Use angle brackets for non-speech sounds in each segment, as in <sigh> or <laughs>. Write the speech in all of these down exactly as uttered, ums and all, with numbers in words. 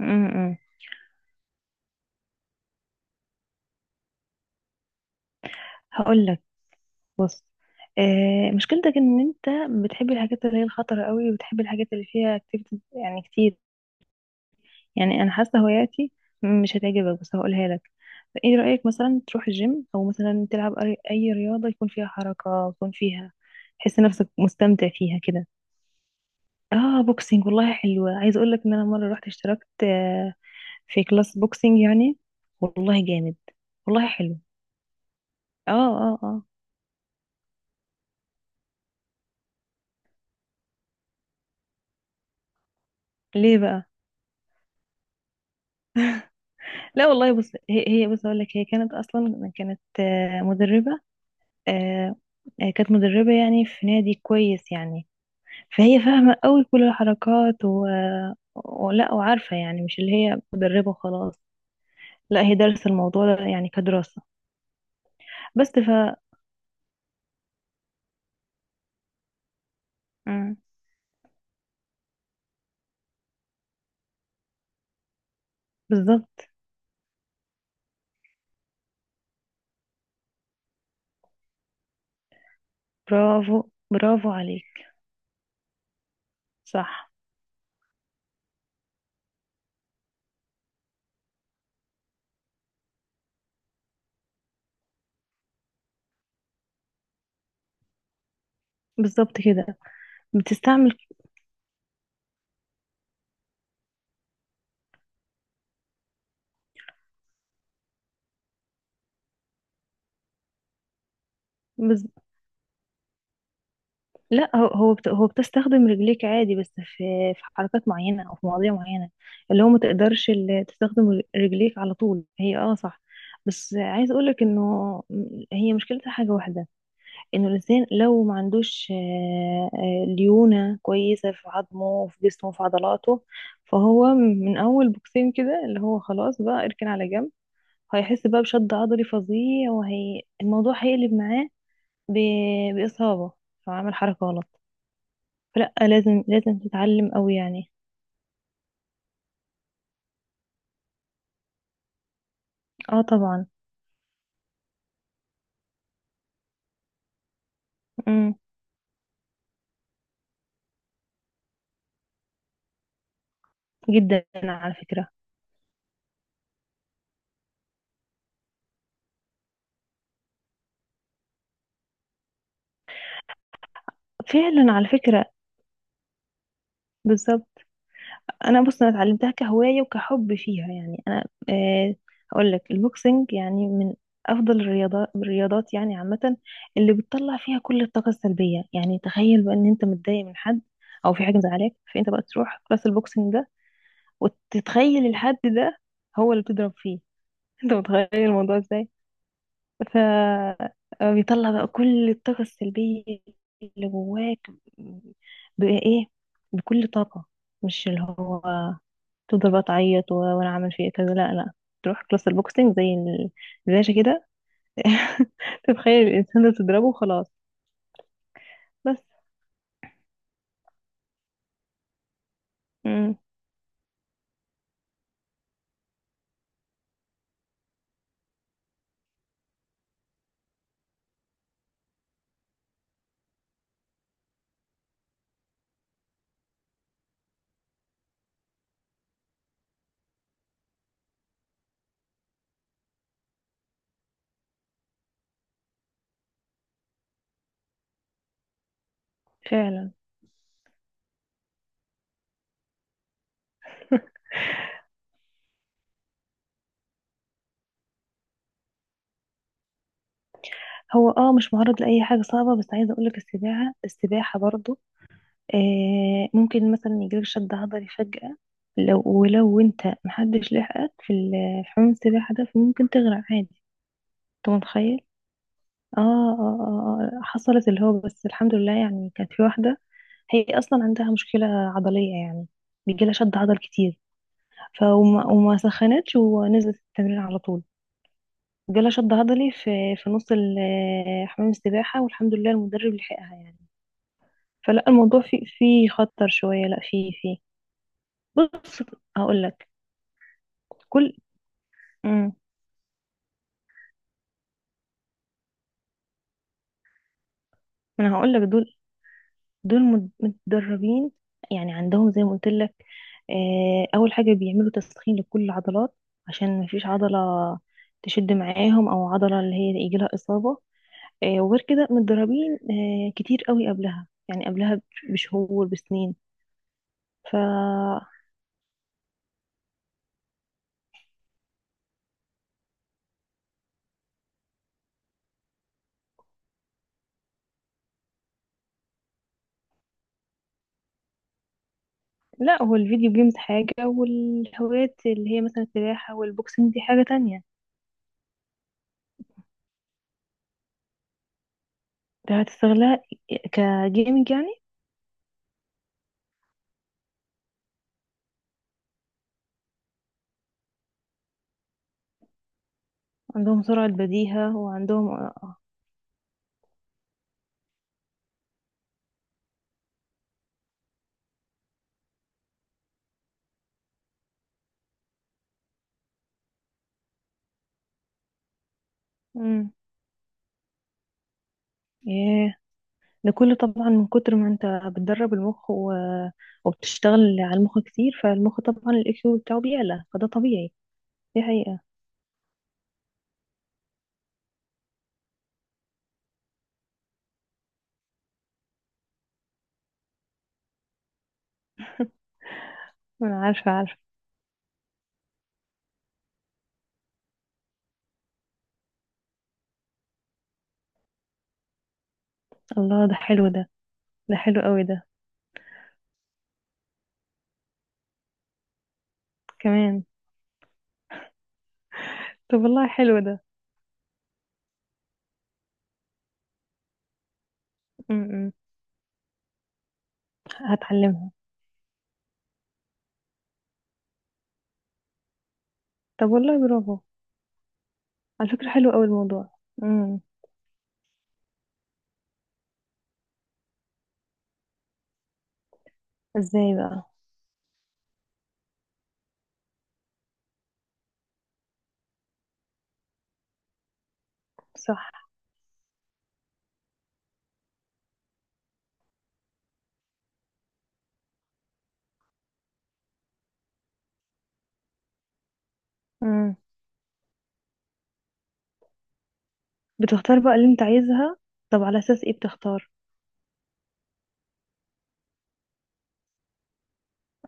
امم هقول لك. بص. آه مشكلتك ان انت بتحب الحاجات اللي هي الخطرة قوي وبتحب الحاجات اللي فيها اكتيفيتيز يعني كتير. يعني انا حاسة هواياتي مش هتعجبك، بس هقولها لك. ايه رأيك مثلا تروح الجيم او مثلا تلعب اي أي رياضة يكون فيها حركة، يكون فيها تحس نفسك مستمتع فيها كده؟ اه بوكسينج والله حلوة. عايز اقول لك ان انا مرة رحت اشتركت آه في كلاس بوكسينج يعني. والله جامد. والله حلو. اه. اه اه. ليه بقى؟ لا والله. بص هي هي. بص اقول لك، هي كانت اصلا كانت آه، مدربه. آه، آه، كانت مدربه يعني، في نادي كويس يعني. فهي فاهمه قوي كل الحركات و... ولا وعارفه يعني، مش اللي هي مدربه وخلاص. لا، هي دارسه الموضوع ده يعني كدراسه. بس ف مم. بالظبط. برافو. برافو عليك. صح. بالظبط كده. بتستعمل. لا، هو هو بت- هو بتستخدم رجليك عادي، بس في في حركات معينة أو في مواضيع معينة، اللي هو ما تقدرش ال- تستخدم ر- رجليك على طول. هي اه صح. بس عايز أقولك إنه، م- هي مشكلتها حاجة واحدة. إنه الإنسان لو ما عندوش آه، آه، ليونة كويسة في عظمه وفي جسمه وفي عضلاته، فهو من أول بوكسين كده اللي هو خلاص بقى اركن على جنب. هيحس بقى بشد عضلي فظيع، وهي الموضوع هيقلب معاه ب- بإصابة لو عمل حركة غلط. فلا، لازم لازم تتعلم قوي يعني. اه طبعا. امم. جدا على فكرة. فعلا على فكرة. بالظبط. انا بص، انا اتعلمتها كهواية وكحب فيها يعني. انا آه اقول لك، البوكسنج يعني من افضل الرياضات، الرياضات يعني عامة، اللي بتطلع فيها كل الطاقة السلبية. يعني تخيل بقى ان انت متضايق من حد او في حاجة مزعلاك، فانت بقى تروح كلاس البوكسنج ده وتتخيل الحد ده هو اللي بتضرب فيه. <laughs> انت متخيل الموضوع ازاي؟ فبيطلع بقى كل الطاقة السلبية اللي جواك. بقى ايه؟ بكل طاقة. مش اللي هو تفضل بقى تعيط و- وانا عامل فيه كذا. لا لا، تروح كلاس البوكسينج زي ال- الباشا كده. <laughs> تتخيل الانسان ده تضربه وخلاص. بس. مم. فعلا. هو اه مش معرض لأي حاجة صعبة، بس عايزة اقولك السباحة السباحة برضو آه، ممكن مثلا يجيلك شد عضلي فجأة. لو ولو انت محدش لحقك في ال- في حمام السباحة ده، فممكن تغرق عادي. انت متخيل؟ اه اه اه. آه، آه، حصلت اللي هو، بس الحمد لله يعني. كانت في واحدة هي اصلا عندها مشكلة عضلية يعني، بيجيلها شد عضل كتير. فوما وما سخنتش ونزلت التمرين على طول. جالها شد عضلي في في نص ال- حمام السباحة، والحمد لله المدرب لحقها يعني. فلا، الموضوع فيه فيه خطر شوية. لا، فيه فيه بص هقول لك. كل امم انا هقول لك، دول دول مد- متدربين يعني. عندهم زي ما قلت لك، آه، اول حاجه بيعملوا تسخين لكل العضلات، عشان ما فيش عضله تشد معاهم او عضله اللي هي يجي لها اصابه. آه، وغير كده متدربين آه، كتير قوي قبلها يعني، قبلها بشهور بسنين. ف لا، هو الفيديو جيمز حاجه والهوايات اللي هي مثلا السباحه والبوكسنج دي حاجه تانية. ده هتستغلها كجيمنج. عندهم سرعة بديهة وعندهم آه. امم. ياه. ده كله طبعا من كتر ما انت بتدرب المخ و... وبتشتغل على المخ كتير، فالمخ طبعا الاي كيو بتاعه بيعلى، فده طبيعي. دي حقيقة. انا عارفة عارفة. الله، ده حلو ده. ده حلو قوي ده. كمان. طب والله حلو ده. امم. هتعلمها. طب والله برافو. على فكرة حلو قوي الموضوع. امم. ازاي بقى؟ صح. امم. بتختار بقى اللي انت عايزها. طب على اساس ايه بتختار؟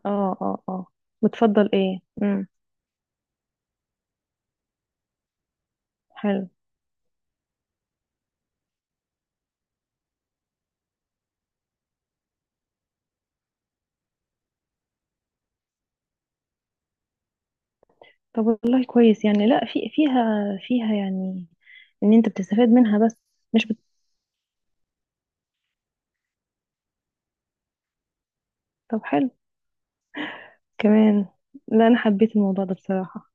اه اه اه. بتفضل ايه؟ حلو. طب والله كويس يعني. لا، في فيها فيها يعني، ان انت بتستفاد منها، بس مش بت... طب حلو. كمان. لا انا حبيت الموضوع ده بصراحة.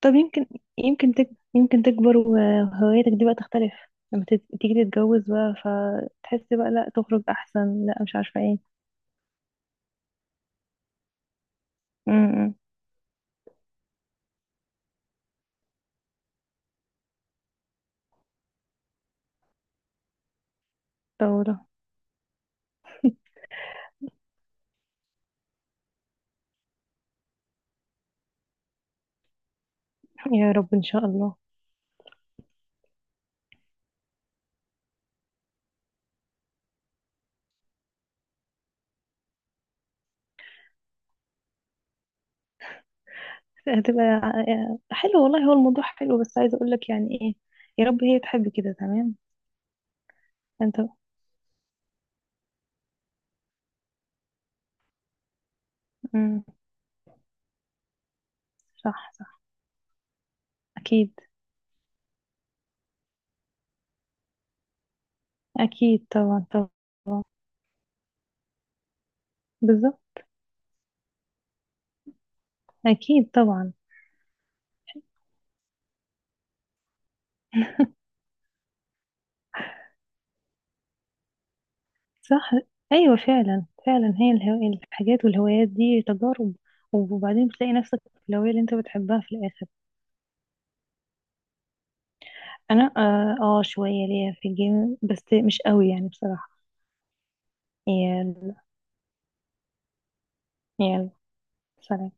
طب يمكن يمكن تك... يمكن تكبر وهواياتك دي بقى تختلف. لما تت- تيجي تتجوز بقى، فتحس بقى لا تخرج احسن، لا مش عارفة ايه. امم. طب يا رب ان شاء الله. هتبقى ع- حلو والله. هو الموضوع حلو، بس عايزة اقول لك يعني ايه. يا رب هي تحب كده تمام. انت. امم. صح صح. اكيد. أكيد طبعا طبعا. بالظبط. أكيد طبعا. صح. أيوة فعلا فعلا. هي الهو... الحاجات والهوايات دي تجارب، وبعدين بتلاقي نفسك في الهواية اللي أنت بتحبها في الآخر. أنا آه, آه شوية ليا في الجيم، بس مش قوي يعني بصراحة. يلا. يلا. سلام.